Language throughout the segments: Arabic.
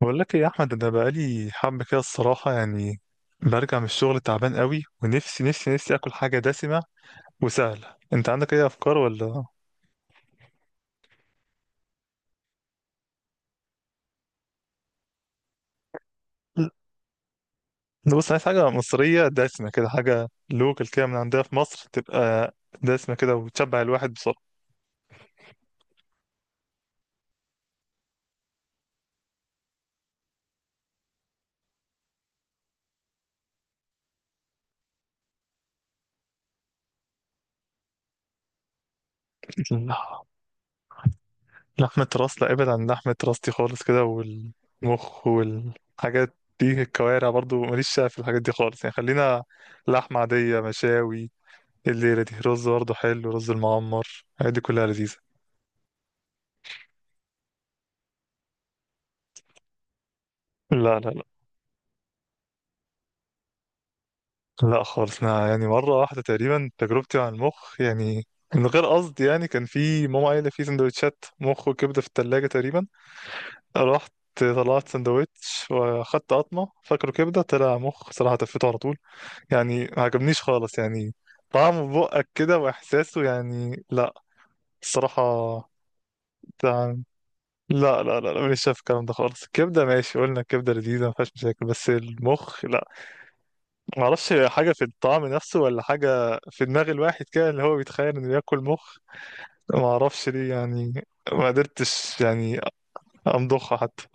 بقول لك ايه يا احمد، انا بقالي حبه كده الصراحه يعني. برجع من الشغل تعبان قوي، ونفسي نفسي نفسي اكل حاجه دسمه وسهله. انت عندك اي افكار ولا؟ لا، بص، عايز حاجه مصريه دسمه كده، حاجه لوكال كده من عندنا في مصر، تبقى دسمه كده وتشبع الواحد بسرعه. لا، لحمه راس، لا ابعد عن لحمه راس دي خالص كده، والمخ والحاجات دي، الكوارع برضو ماليش شغف في الحاجات دي خالص يعني. خلينا لحمه عاديه، مشاوي. الليلة دي رز برضه حلو، رز المعمر، الحاجات دي كلها لذيذة. لا، لا، لا، لا خالص. أنا يعني مرة واحدة تقريبا تجربتي عن المخ يعني، من غير قصد يعني. كان في ماما قايلة في سندوتشات مخ وكبدة في التلاجة تقريبا، رحت طلعت سندوتش، واخدت قطمة فاكره كبدة، طلع مخ، صراحة تفيته على طول يعني. ما عجبنيش خالص يعني، طعمه بقك كده وإحساسه، يعني لا، الصراحة. لا، لا، لا، لا مش شايف الكلام ده خالص. الكبده ماشي، قلنا الكبده لذيذه ما فيهاش مشاكل، بس المخ لا. ما اعرفش حاجه في الطعم نفسه ولا حاجه في دماغ الواحد كده، اللي هو بيتخيل انه ياكل مخ. ما اعرفش ليه يعني. ما قدرتش يعني امضخها حتى.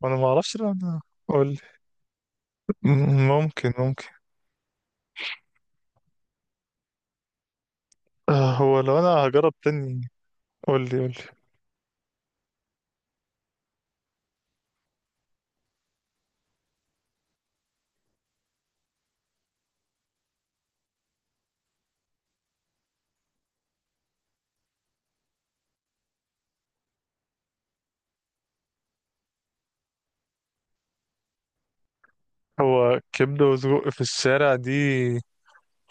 وانا ما اعرفش ليه انا. قول لي. ممكن. آه، هو لو انا هجرب تاني. قول لي، قول لي. هو كبده وسجق في الشارع دي،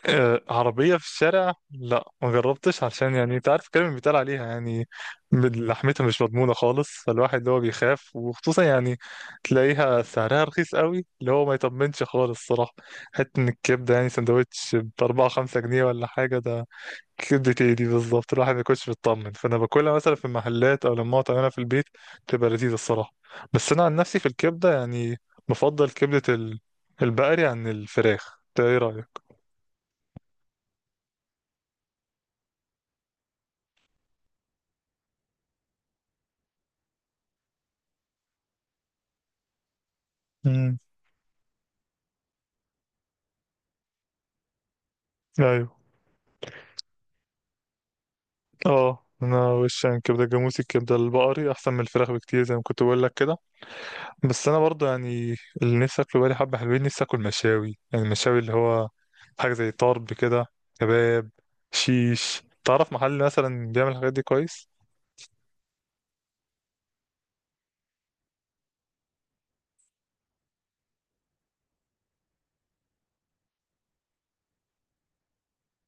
عربية في الشارع، لا ما جربتش عشان يعني انت عارف الكلام اللي بيتقال عليها يعني. لحمتها مش مضمونة خالص، فالواحد اللي هو بيخاف، وخصوصا يعني تلاقيها سعرها رخيص قوي، اللي هو ما يطمنش خالص صراحة. حتى ان الكبدة، يعني سندوتش بأربعة خمسة جنيه ولا حاجة، ده كبدة ايه دي بالظبط؟ الواحد ما يكونش مطمن. فانا باكلها مثلا في المحلات او لما اقعد اعملها في البيت، تبقى لذيذة الصراحة. بس انا عن نفسي في الكبدة يعني بفضل كبدة البقري عن الفراخ. انت ايه رأيك؟ امم. اه، انا وش يعني كبده جاموسي، الكبده البقري احسن من الفراخ بكتير، زي ما كنت بقول لك كده. بس انا برضو يعني، اللي نفسي اكله بقالي حبه حلوين، نفسي اكل مشاوي. يعني المشاوي اللي هو حاجه زي طرب كده، كباب، شيش. تعرف محل مثلا بيعمل الحاجات دي كويس؟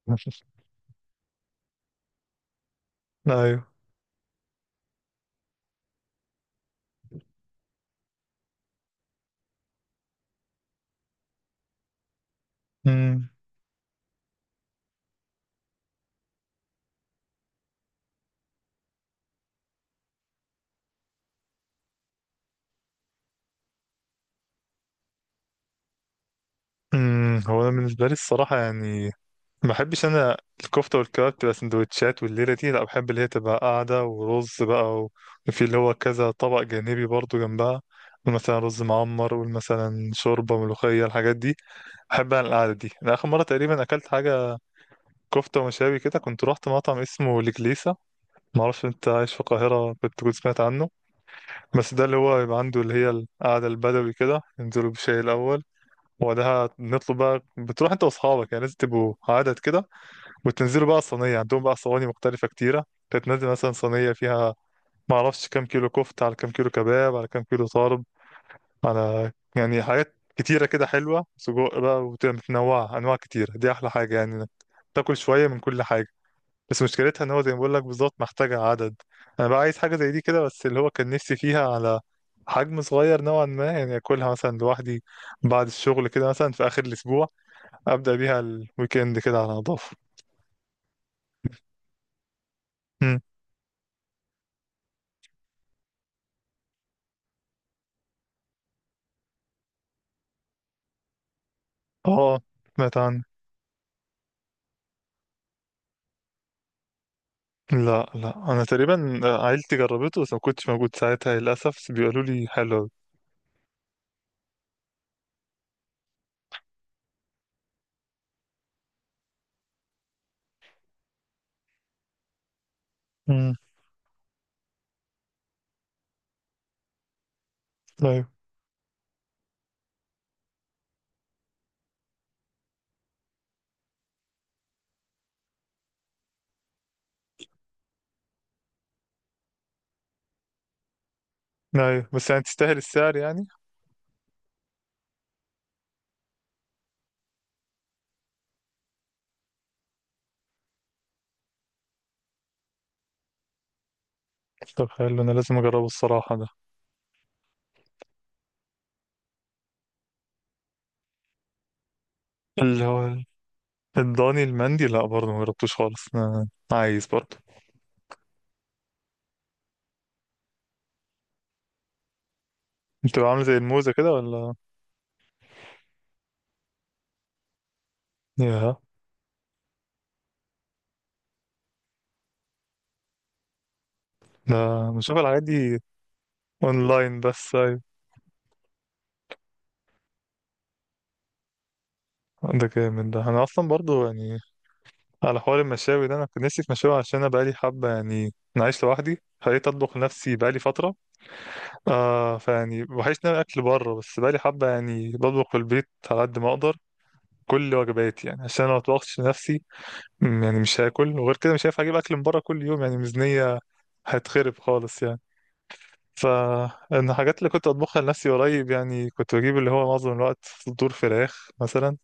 ايوه. امم. هو انا بالنسبه لي الصراحه يعني ما بحبش انا الكفته والكباب تبقى سندوتشات، والليله دي لا، بحب اللي هي تبقى قاعده ورز بقى وفي اللي هو كذا طبق جانبي برضو جنبها، مثلا رز معمر، ومثلا شوربه ملوخيه، الحاجات دي بحب انا القعده دي. انا اخر مره تقريبا اكلت حاجه كفته ومشاوي كده، كنت رحت مطعم اسمه الكليسه. ما اعرفش انت عايش في القاهره، كنت تكون سمعت عنه. بس ده اللي هو يبقى عنده اللي هي القعده البدوي كده، ينزلوا بشاي الاول، وبعدها نطلب بقى. بتروح انت واصحابك، يعني لازم تبقوا عدد كده، وتنزلوا بقى الصينية. عندهم بقى صواني مختلفة كتيرة، تتنزل مثلا صينية فيها معرفش كام كيلو كفتة، على كام كيلو كباب، على كام كيلو طرب، على يعني حاجات كتيرة كده حلوة، سجق بقى، وتبقى متنوعة أنواع كتيرة. دي أحلى حاجة يعني، إنك تاكل شوية من كل حاجة. بس مشكلتها إن هو زي ما بقول لك بالظبط، محتاجة عدد. أنا بقى عايز حاجة زي دي كده، بس اللي هو كان نفسي فيها على حجم صغير نوعا ما، يعني أكلها مثلا لوحدي بعد الشغل كده، مثلا في آخر الأسبوع، أبدأ بيها الويكند كده على نضافة. مم. اه، سمعت عنه. لا، لا، انا تقريبا عيلتي جربته، بس ما كنتش موجود ساعتها للاسف، بس بيقولوا لي حلو أوي. امم. ايوه، ايوه. بس يعني تستاهل السعر يعني. طب حلو، انا لازم اجربه الصراحه ده. اللي هو الضاني المندي، لا برضه ما جربتوش خالص، انا عايز برضه. بتبقى عامله زي الموزه كده ولا؟ يا، لا بشوف الحاجات دي اونلاين بس. ايوه. ده جامد، ده انا اصلا برضه يعني على حوار المشاوي ده، انا كنت نفسي في مشاوي، عشان انا بقالي حبه يعني، انا عايش لوحدي، خليت اطبخ لنفسي بقالي فتره. فيعني بحس ان انا اكل بره، بس بقالي حبه يعني بطبخ في البيت على قد ما اقدر كل وجباتي يعني، عشان ما اطبخش لنفسي. يعني مش هاكل، وغير كده مش هينفع اجيب اكل من بره كل يوم، يعني ميزانيه هتخرب خالص يعني. ف، إن الحاجات اللي كنت اطبخها لنفسي قريب يعني، كنت بجيب اللي هو معظم الوقت صدور فراخ مثلا.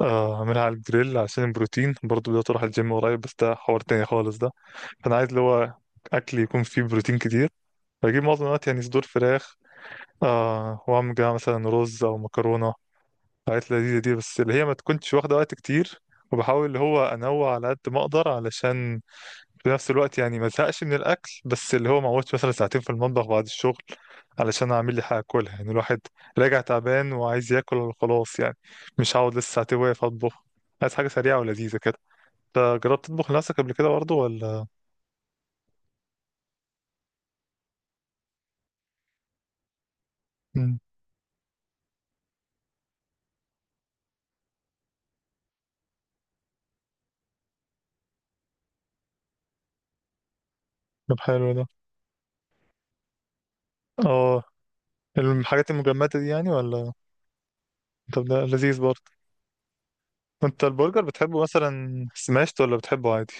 اعملها على الجريل عشان البروتين. برضه بدأت اروح الجيم قريب، بس ده حوار تاني خالص ده. فانا عايز اللي هو اكل يكون فيه بروتين كتير. بجيب معظم الوقت يعني صدور فراخ. وعمجة مثلا رز أو مكرونة، حاجات لذيذة دي، بس اللي هي ما تكونش واخدة وقت كتير. وبحاول اللي هو أنوع على قد ما أقدر، علشان في نفس الوقت يعني ما أزهقش من الأكل، بس اللي هو ما أقعدش مثلا ساعتين في المطبخ بعد الشغل علشان أعمل لي حاجة أكلها. يعني الواحد راجع تعبان وعايز ياكل وخلاص يعني، مش هقعد لسه ساعتين واقف أطبخ. عايز حاجة سريعة ولذيذة كده. أنت جربت تطبخ لنفسك قبل كده برضه ولا؟ مم، طب حلو ده. اه، الحاجات المجمدة دي يعني ولا؟ طب ده لذيذ برضه. انت البرجر بتحبه مثلا سماشت ولا بتحبه عادي؟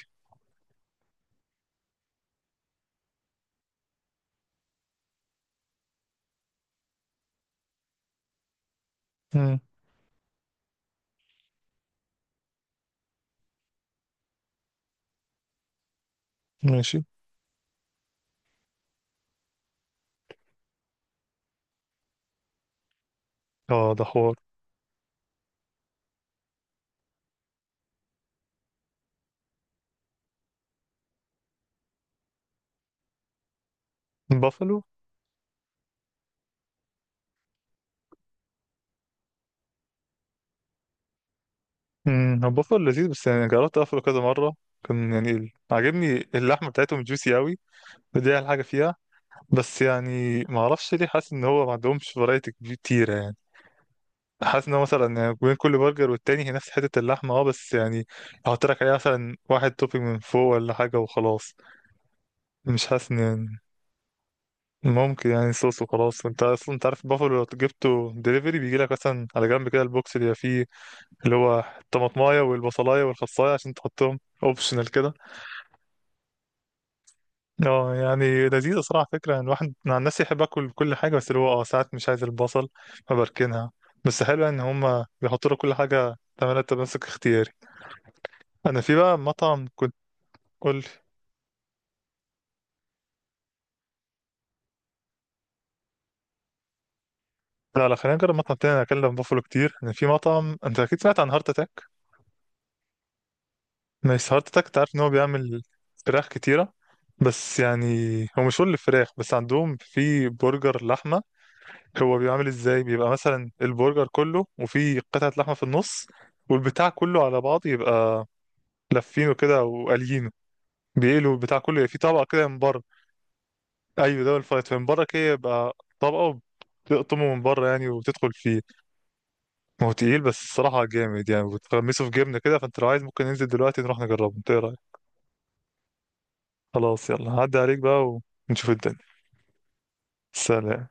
امم. ماشي. اه ده حوار. بافلو. امم، هو بافلو لذيذ، بس يعني جربت اقفله كذا مره، كان يعني عاجبني اللحمه بتاعتهم جوسي قوي، ودي احلى حاجه فيها. بس يعني ما اعرفش ليه، حاسس ان هو ما عندهمش فرايتي كتيره يعني. حاسس ان هو مثلا يعني بين كل برجر والتاني هي نفس حته اللحمه، اه بس يعني احط لك عليها مثلا واحد توبينج من فوق ولا حاجه وخلاص. مش حاسس ان يعني، ممكن يعني صوص وخلاص. انت اصلا عارف البافلو لو جبته دليفري، بيجي لك مثلا على جنب كده البوكس اللي فيه، اللي هو الطماطمايه والبصلايه والخصايه، عشان تحطهم اوبشنال كده. اه يعني لذيذه، صراحه فكره يعني، الواحد مع الناس يحب اكل كل حاجه، بس اللي هو ساعات مش عايز البصل فبركنها. بس حلو ان هم بيحطوا لك كل حاجه تعملها تمسك اختياري. انا في بقى مطعم كنت. قول. لا، لا، خلينا نجرب مطعم تاني. انا اكلم بافلو كتير. انا في مطعم، انت اكيد سمعت عن هارت اتاك. نايس هارت اتاك، تعرف ان هو بيعمل فراخ كتيرة. بس يعني هو مشهور للفراخ، بس عندهم في برجر لحمة. هو بيعمل ازاي؟ بيبقى مثلا البرجر كله وفي قطعة لحمة في النص، والبتاع كله على بعضه يبقى لافينه كده وقاليينه، بيقلوا البتاع كله في طبقة كده من بره. ايوه، ده الفايت من بره كده، يبقى طبقة، بتقطمه من بره يعني وتدخل فيه. ما هو تقيل بس الصراحة جامد يعني، وتغمسه في جبنة كده. فانت لو عايز ممكن ننزل دلوقتي نروح نجربه. انت إيه رأيك؟ خلاص، يلا هعدي عليك بقى ونشوف الدنيا. سلام.